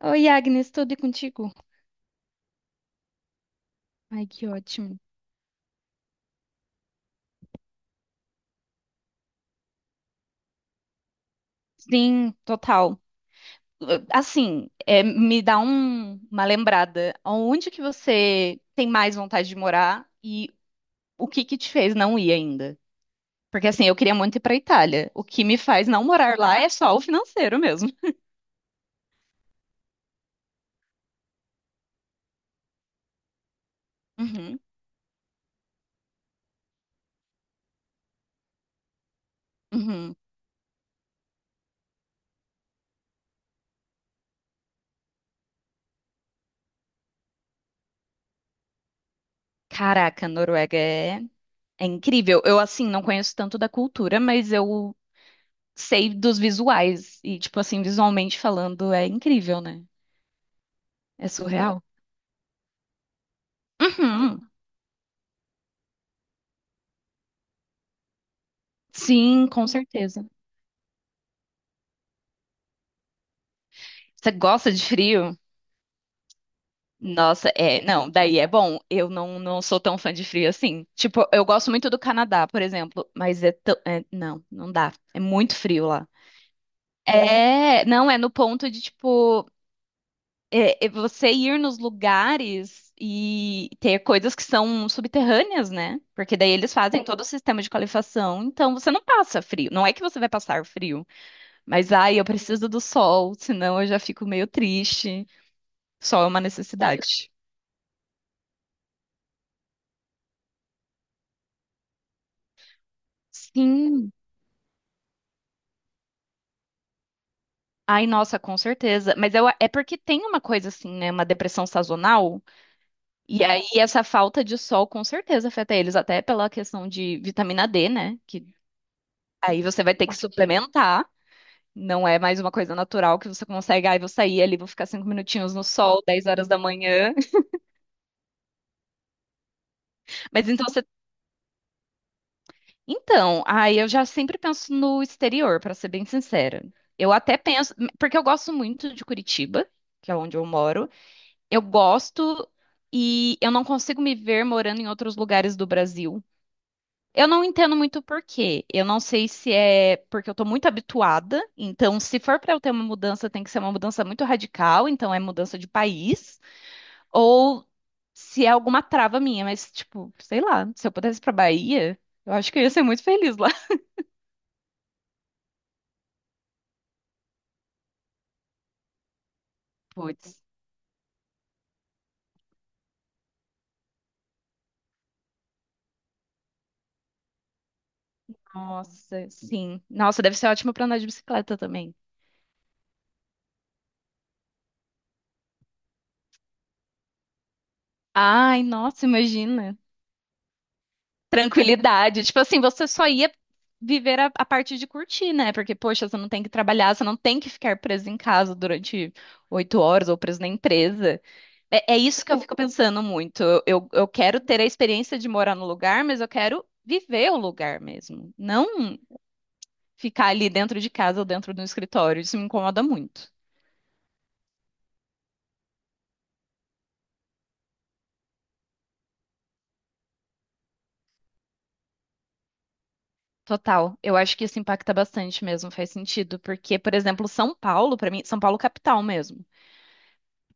Oi, Agnes, tudo e contigo? Ai, que ótimo. Sim, total. Assim, é, me dá uma lembrada. Onde que você tem mais vontade de morar e o que que te fez não ir ainda? Porque assim, eu queria muito ir para Itália. O que me faz não morar lá é só o financeiro mesmo. Uhum, uhum. Caraca, Noruega é incrível. Eu, assim, não conheço tanto da cultura, mas eu sei dos visuais. E, tipo assim, visualmente falando, é incrível, né? É surreal. Uhum. Sim, com certeza. Você gosta de frio? Nossa, é, não, daí é bom. Eu não sou tão fã de frio assim. Tipo, eu gosto muito do Canadá, por exemplo, mas é tão, não, não dá. É muito frio lá. É, não, é no ponto de, tipo, é você ir nos lugares e ter coisas que são subterrâneas, né? Porque daí eles fazem todo o sistema de qualificação, então você não passa frio. Não é que você vai passar frio. Mas ai, eu preciso do sol, senão eu já fico meio triste. Sol é uma necessidade. Sim. Ai, nossa, com certeza. Mas eu, é porque tem uma coisa assim, né? Uma depressão sazonal. E aí, essa falta de sol com certeza afeta eles, até pela questão de vitamina D, né? Que aí você vai ter que suplementar. Não é mais uma coisa natural que você consegue. Ai, vou sair ali, vou ficar 5 minutinhos no sol, 10 horas da manhã. Mas então você Então, aí eu já sempre penso no exterior, pra ser bem sincera. Eu até penso, porque eu gosto muito de Curitiba, que é onde eu moro. Eu gosto e eu não consigo me ver morando em outros lugares do Brasil. Eu não entendo muito por quê. Eu não sei se é porque eu tô muito habituada. Então, se for pra eu ter uma mudança, tem que ser uma mudança muito radical, então é mudança de país, ou se é alguma trava minha, mas tipo, sei lá, se eu pudesse ir pra Bahia, eu acho que eu ia ser muito feliz lá. Putz. Nossa, sim. Nossa, deve ser ótimo pra andar de bicicleta também. Ai, nossa, imagina. Tranquilidade. Tipo assim, você só ia viver a parte de curtir, né? Porque, poxa, você não tem que trabalhar, você não tem que ficar preso em casa durante 8 horas ou preso na empresa. É, é isso que eu fico pensando muito. Eu quero ter a experiência de morar no lugar, mas eu quero viver o lugar mesmo. Não ficar ali dentro de casa ou dentro do escritório. Isso me incomoda muito. Total. Eu acho que isso impacta bastante mesmo, faz sentido, porque, por exemplo, São Paulo, pra mim, São Paulo capital mesmo,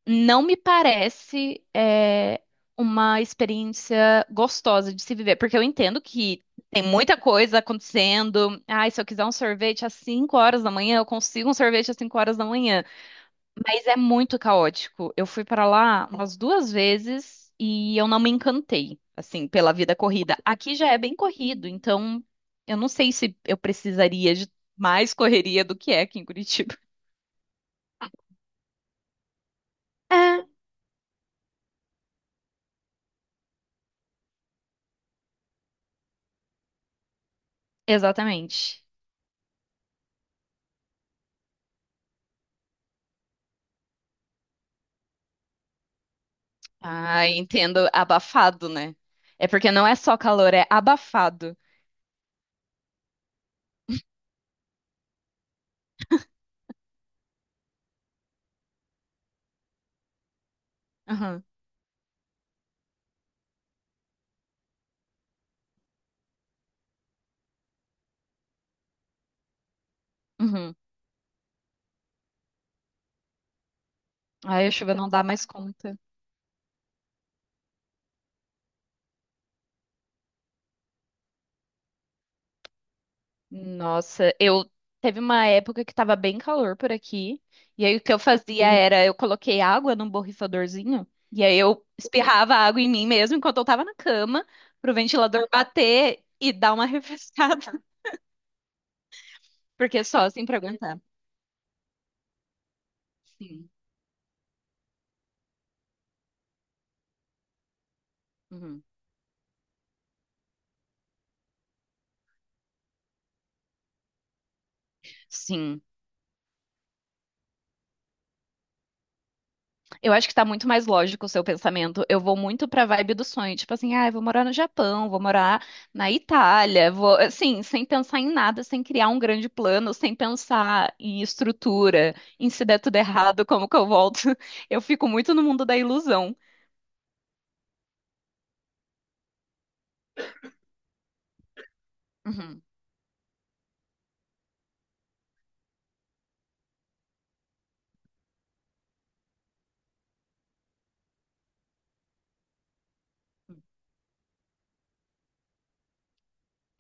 não me parece uma experiência gostosa de se viver, porque eu entendo que tem muita coisa acontecendo. Ai, se eu quiser um sorvete às 5 horas da manhã, eu consigo um sorvete às 5 horas da manhã. Mas é muito caótico. Eu fui pra lá umas duas vezes e eu não me encantei, assim, pela vida corrida. Aqui já é bem corrido, então eu não sei se eu precisaria de mais correria do que é aqui em Curitiba. É. Exatamente. Ah, entendo. Abafado, né? É porque não é só calor, é abafado. Aham, uhum. Aí a chuva não dá mais conta. Nossa, eu teve uma época que tava bem calor por aqui, e aí o que eu fazia era eu coloquei água num borrifadorzinho, e aí eu espirrava água em mim mesmo enquanto eu tava na cama, pro ventilador bater e dar uma refrescada, porque só assim pra aguentar. Sim. Uhum. Sim. Eu acho que tá muito mais lógico o seu pensamento. Eu vou muito pra vibe do sonho, tipo assim, ah, eu vou morar no Japão, vou morar na Itália, vou, assim, sem pensar em nada, sem criar um grande plano, sem pensar em estrutura, em se der tudo errado, como que eu volto. Eu fico muito no mundo da ilusão. Uhum.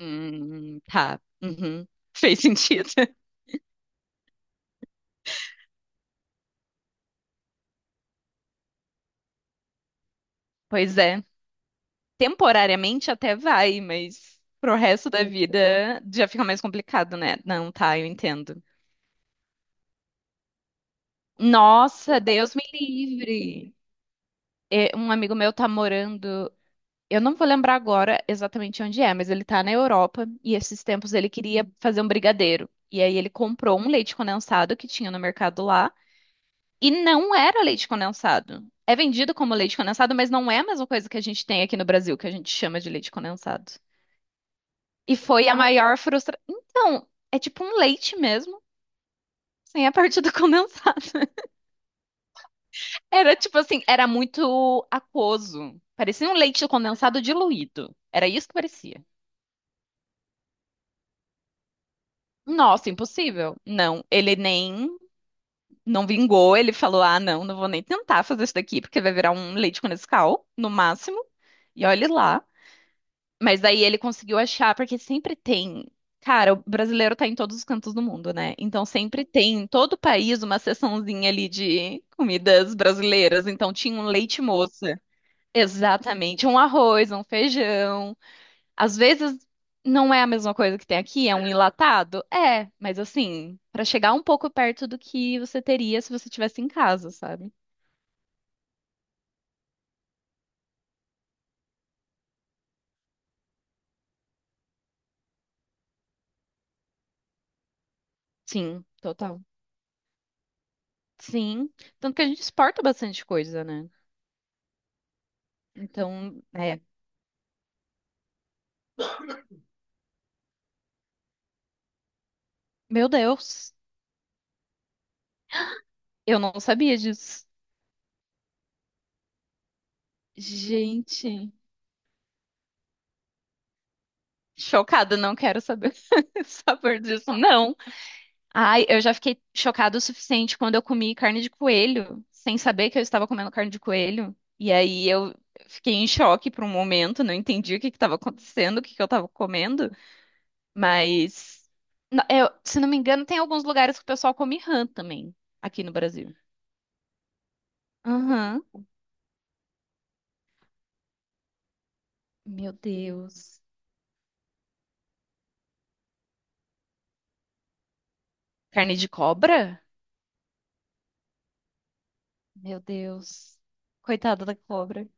Tá. Uhum. Fez sentido. Pois é. Temporariamente até vai, mas pro resto da vida já fica mais complicado, né? Não, tá, eu entendo. Nossa, Deus me livre. É, um amigo meu tá morando, eu não vou lembrar agora exatamente onde é, mas ele tá na Europa e esses tempos ele queria fazer um brigadeiro. E aí ele comprou um leite condensado que tinha no mercado lá e não era leite condensado. É vendido como leite condensado, mas não é a mesma coisa que a gente tem aqui no Brasil, que a gente chama de leite condensado. E foi a maior frustração. Então, é tipo um leite mesmo, sem a parte do condensado. Era tipo assim, era muito aquoso. Parecia um leite condensado diluído. Era isso que parecia. Nossa, impossível. Não, ele nem não vingou, ele falou: "Ah, não, não vou nem tentar fazer isso daqui, porque vai virar um leite com Nescau, no máximo". E olhe lá. Mas daí ele conseguiu achar, porque sempre tem. Cara, o brasileiro tá em todos os cantos do mundo, né? Então sempre tem em todo o país uma seçãozinha ali de comidas brasileiras. Então tinha um leite moça. Exatamente, um arroz, um feijão. Às vezes não é a mesma coisa que tem aqui, é um enlatado? É, mas assim, para chegar um pouco perto do que você teria se você tivesse em casa, sabe? Sim, total. Sim, tanto que a gente exporta bastante coisa, né? Então, é, meu Deus, eu não sabia disso. Gente, chocada, não quero saber o sabor disso, não. Ai, eu já fiquei chocada o suficiente quando eu comi carne de coelho, sem saber que eu estava comendo carne de coelho. E aí eu fiquei em choque por um momento, não entendi o que que estava acontecendo, o que que eu estava comendo. Mas, se não me engano, tem alguns lugares que o pessoal come rã também, aqui no Brasil. Aham. Meu Deus. Carne de cobra? Meu Deus. Coitada da cobra.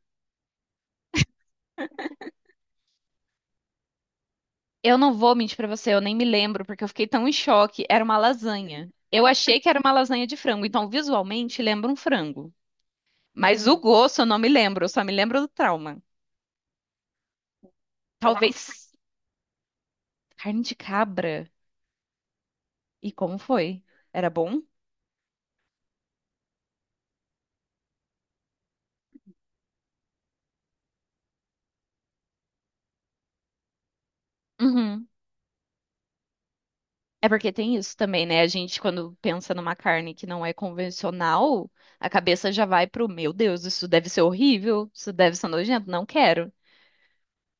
Eu não vou mentir pra você, eu nem me lembro, porque eu fiquei tão em choque. Era uma lasanha. Eu achei que era uma lasanha de frango, então visualmente lembra um frango. Mas o gosto eu não me lembro, eu só me lembro do trauma. Talvez carne de cabra. E como foi? Era bom? Uhum. É porque tem isso também, né? A gente, quando pensa numa carne que não é convencional, a cabeça já vai pro, meu Deus, isso deve ser horrível, isso deve ser nojento, não quero.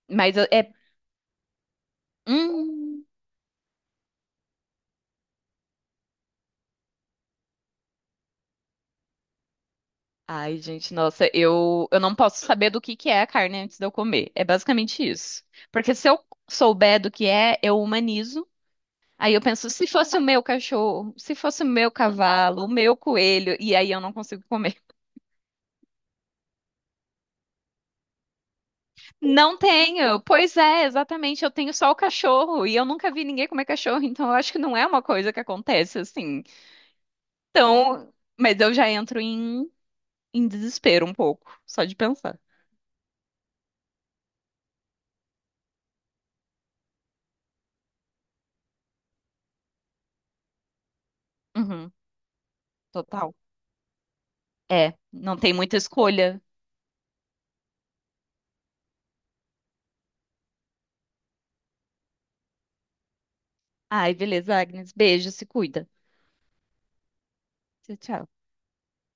Mas eu- é. Hum. Ai, gente, nossa, eu não posso saber do que é a carne antes de eu comer. É basicamente isso. Porque se eu souber do que é, eu humanizo. Aí eu penso, se fosse o meu cachorro, se fosse o meu cavalo, o meu coelho, e aí eu não consigo comer. Não tenho. Pois é, exatamente. Eu tenho só o cachorro e eu nunca vi ninguém comer cachorro, então eu acho que não é uma coisa que acontece assim. Então, mas eu já entro em, desespero um pouco, só de pensar. Uhum, total. É, não tem muita escolha. Ai, beleza, Agnes. Beijo, se cuida. Tchau, tchau.